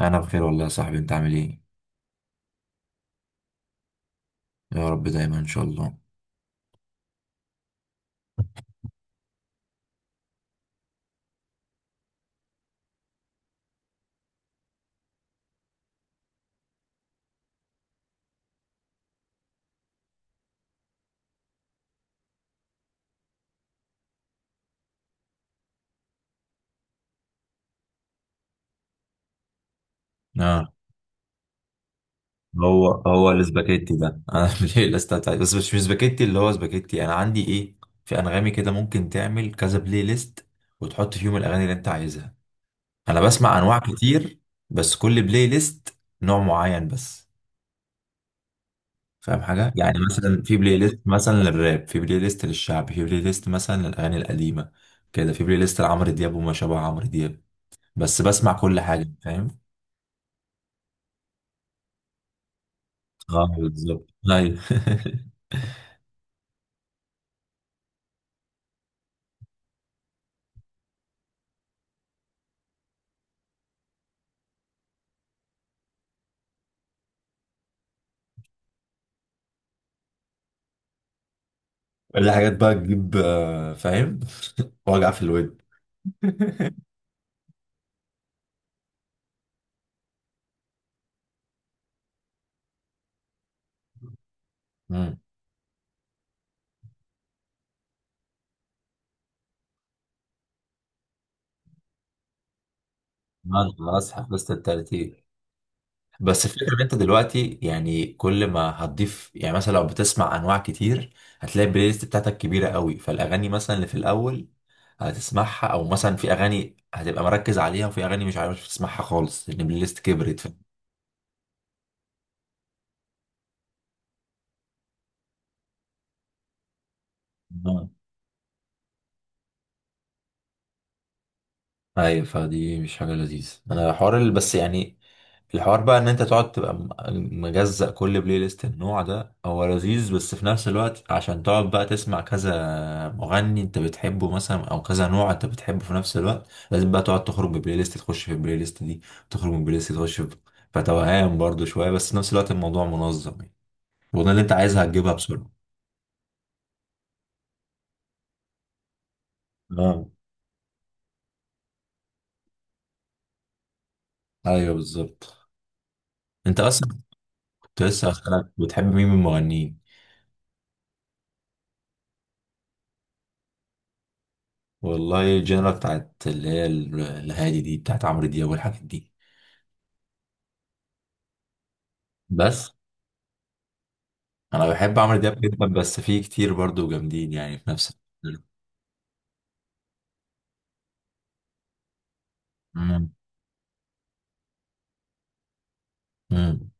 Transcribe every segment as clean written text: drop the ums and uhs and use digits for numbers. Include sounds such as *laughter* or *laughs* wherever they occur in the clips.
انا بخير والله يا صاحبي، انت عامل ايه؟ يا رب دايما ان شاء الله. اه. هو الاسباجيتي ده انا *laughs* ليه الاستاذ؟ بس مش سباجيتي، اللي هو سباجيتي انا عندي ايه في انغامي كده، ممكن تعمل كذا بلاي ليست وتحط فيهم الاغاني اللي انت عايزها. انا بسمع انواع كتير، بس كل بلاي ليست نوع معين بس، فاهم حاجه؟ يعني مثلا في بلاي ليست مثلا للراب، في بلاي ليست للشعب، في بلاي ليست مثلا للاغاني القديمه كده، في بلاي ليست لعمرو دياب وما شابه عمرو دياب بس، بسمع كل حاجه، فاهم. اه بالظبط، ايوه *laughs* اللي حاجات بقى تجيب آه، فاهم. *laughs* وجع في الود. *laughs* امم. انا خلاص حفظت الترتيب، بس الفكره ان انت دلوقتي يعني كل ما هتضيف، يعني مثلا لو بتسمع انواع كتير هتلاقي البلاي ليست بتاعتك كبيره قوي، فالاغاني مثلا اللي في الاول هتسمعها، او مثلا في اغاني هتبقى مركز عليها، وفي اغاني مش عارف تسمعها خالص لان البلاي ليست كبرت، فاهم؟ ايوه، فدي مش حاجه لذيذه. انا الحوار اللي بس يعني، الحوار بقى ان انت تقعد تبقى مجزأ كل بلاي ليست النوع ده، هو لذيذ بس في نفس الوقت عشان تقعد بقى تسمع كذا مغني انت بتحبه مثلا، او كذا نوع انت بتحبه، في نفس الوقت لازم بقى تقعد تخرج ببلاي ليست تخش في البلاي ليست دي، تخرج من البلاي ليست تخش في، فتوهان برضو شويه، بس في نفس الوقت الموضوع منظم يعني، الأغنية اللي انت عايزها هتجيبها بسرعه. اه ايوه بالظبط. انت اصلا كنت لسه هسألك، بتحب مين من المغنيين؟ والله الجنرا بتاعت اللي هي الهادي دي، بتاعت عمرو دياب والحاجات دي بس. انا بحب عمرو دياب جدا بس في كتير برضو جامدين يعني في نفس. امم. امم.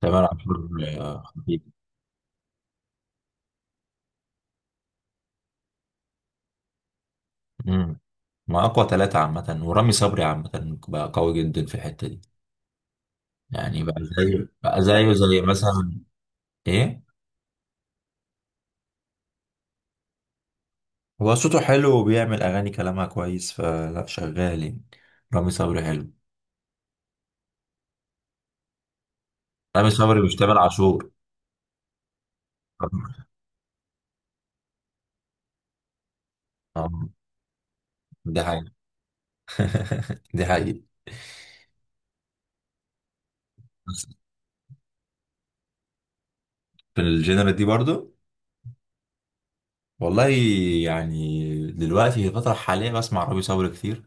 تامر عاشور. آه، خطيب. امم. ما اقوى ثلاثة عامة، ورامي صبري عامة بقى قوي جدا في الحتة دي، يعني بقى زيه، زي مثلا. ايه؟ هو صوته حلو وبيعمل اغاني كلامها كويس، فلا شغال يعني. رامي صبري حلو. رامي صبري مش تامر عاشور. آه، ده حقيقي. *laughs* دي حقيقة. بس. من الجنرال دي برضو. والله، يعني دلوقتي في الفترة الحالية بسمع رامي صبري كتير،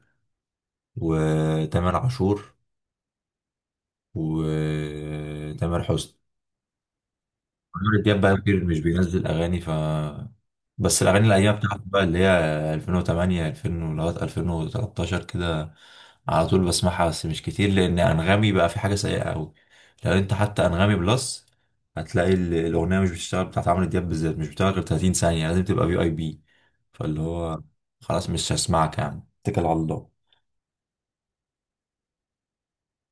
وتامر عاشور، وتامر حسني. عمرو دياب بقى كتير مش بينزل اغاني، ف بس الاغاني الايام بتاعته بقى، اللي هي 2008 2000 لغايه 2013 كده، على طول بسمعها بس مش كتير لان انغامي بقى في حاجه سيئه قوي. لو انت حتى انغامي بلس هتلاقي الاغنيه مش بتشتغل بتاعت عمرو دياب بالذات، مش بتشتغل غير 30 ثانيه، لازم تبقى في اي بي. فاللي هو، خلاص مش هسمعك يا عم، اتكل على الله.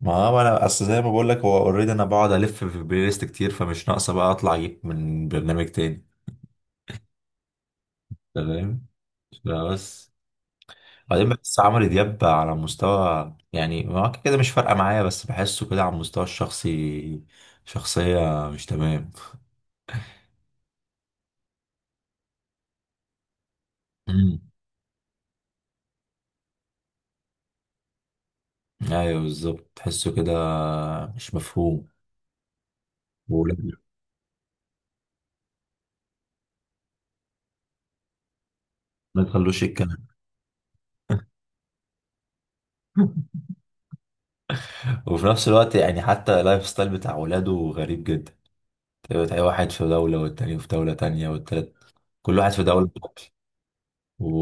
ما هو انا اصل زي ما بقول لك، هو اوريدي انا بقعد الف في بلاي ليست كتير، فمش ناقصه بقى اطلع اجيب من برنامج تاني. تمام. بس بعدين بحس عمرو دياب على مستوى، يعني هو كده كده مش فارقة معايا، بس بحسه كده على المستوى الشخصي شخصية مش تمام. امم. ايوه بالظبط، تحسه كده مش مفهوم. وولاده. ما تخلوش يتكلم. *laughs* وفي نفس الوقت يعني حتى اللايف ستايل بتاع ولاده غريب جدا. تلاقي واحد في دولة والتاني في دولة تانية والتالت، كل واحد في دولة. و...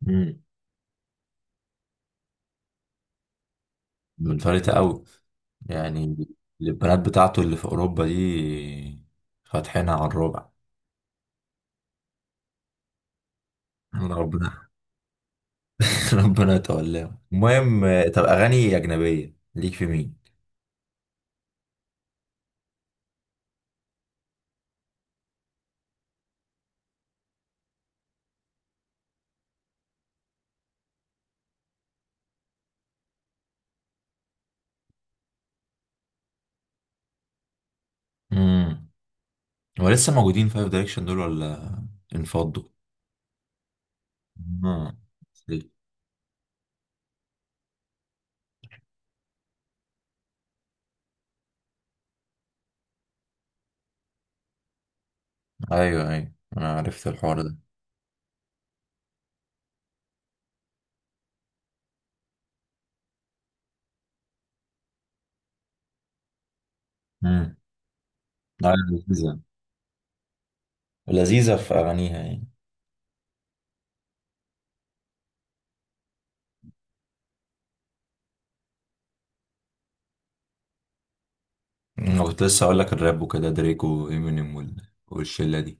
مم. منفلتة أوي يعني. البنات بتاعته اللي في أوروبا دي فاتحينها على الربع. ربنا. *laughs* ربنا يتولاهم المهم. آه، طب أغاني أجنبية ليك في مين؟ امم. هو لسه موجودين فايف دايركشن دول، ولا انفضوا؟ مم. أيوه أنا عرفت الحوار ده. امم. لا، لذيذة. لذيذة في أغانيها يعني. أنا كنت لسه أقول لك الراب وكده، دريك وإمينيم والشلة دي.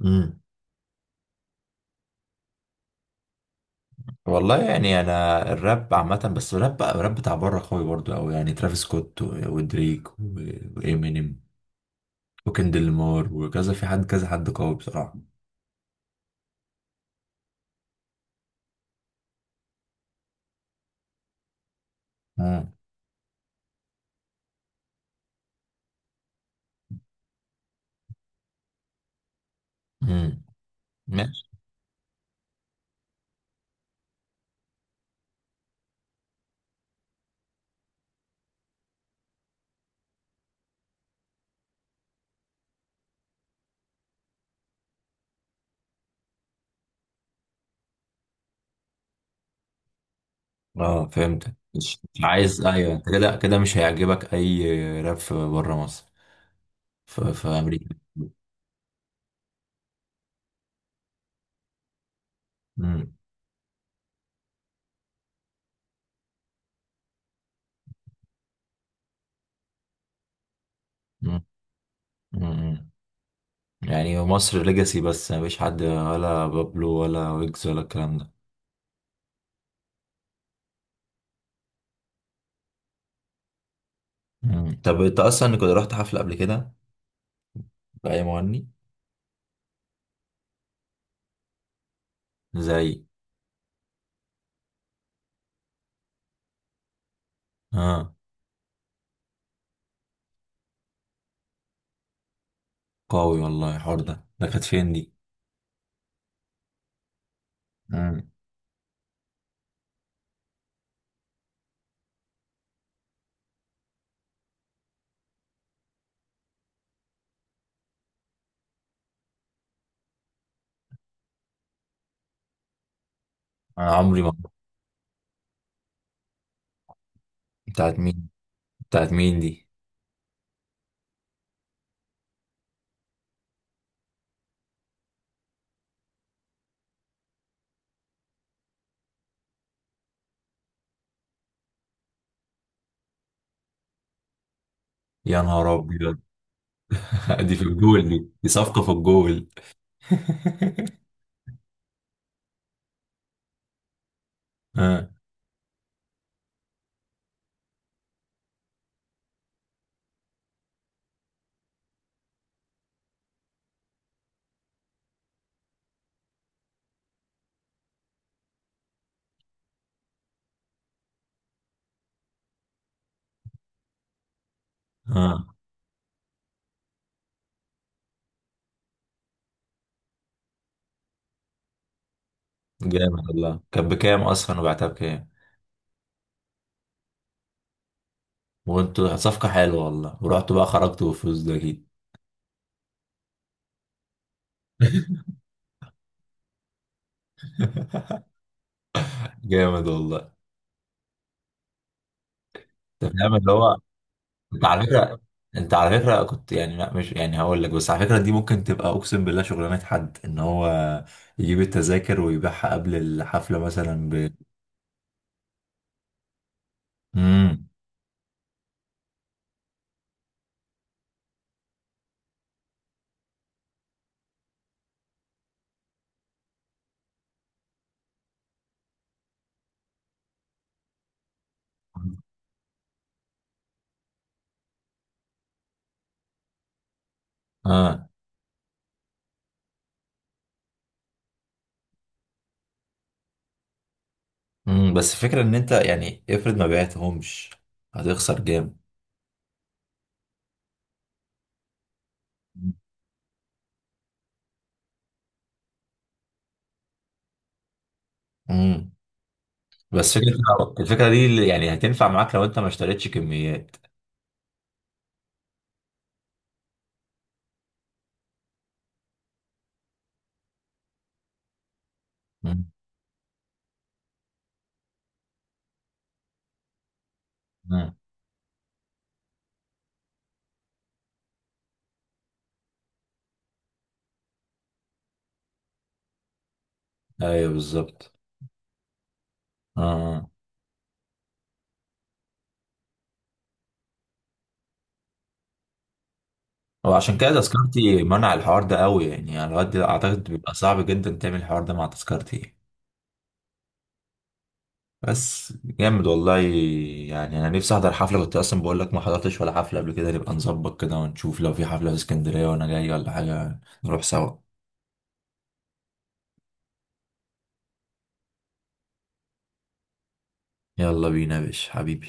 مم. والله يعني انا الراب عامه، بس الراب بقى الراب بتاع بره قوي برضو قوي، يعني ترافيس سكوت ودريك وامينيم وكندريك لامار وكذا، في حد كذا حد قوي بصراحه. امم امم ماشي. اه فهمت، مش مش عايز. ايوه، انت كده كده مش هيعجبك اي راب في بره مصر، في امريكا. امم. امم. امم. يعني مصر ليجاسي بس، مفيش حد ولا بابلو ولا ويجز ولا الكلام ده. مم. طب انت اصلا كنت رحت حفله قبل كده؟ باي مغني؟ زي؟ اه قوي والله الحوار ده، كانت فين دي؟ مم. انا عمري ما. بتاعت مين؟ بتاعت مين دي؟ يا نهار ابيض. *laughs* دي في الجول، دي دي صفقة في الجول. *laughs* اه اه. جامد والله، كانت بكام اصلا وبعتها بكام؟ وانتوا صفقة حلوة والله، ورحتوا بقى خرجتوا بالفلوس ده اكيد. *laughs* جامد والله. انت فاهم اللي هو، انت على فكره، انت على فكره كنت يعني، لا مش يعني هقول لك، بس على فكره دي ممكن تبقى اقسم بالله شغلانه، حد ان هو يجيب التذاكر ويبيعها قبل الحفله مثلا ب. امم. اه. امم. بس الفكره ان انت يعني افرض ما بعتهمش، هتخسر جامد. امم. بس *laughs* الفكره دي اللي يعني هتنفع معاك لو انت ما اشتريتش كميات. امم امم. ايوه بالظبط. اه، هو عشان كده تذكرتي منع الحوار ده قوي، يعني على قد اعتقد بيبقى صعب جدا تعمل الحوار ده مع تذكرتي. بس جامد والله، يعني انا نفسي احضر حفله، كنت اصلا بقول لك ما حضرتش ولا حفله قبل كده. نبقى نظبط كده ونشوف، لو في حفله في اسكندريه وانا جاي ولا حاجه نروح سوا. يلا بينا يا باشا حبيبي.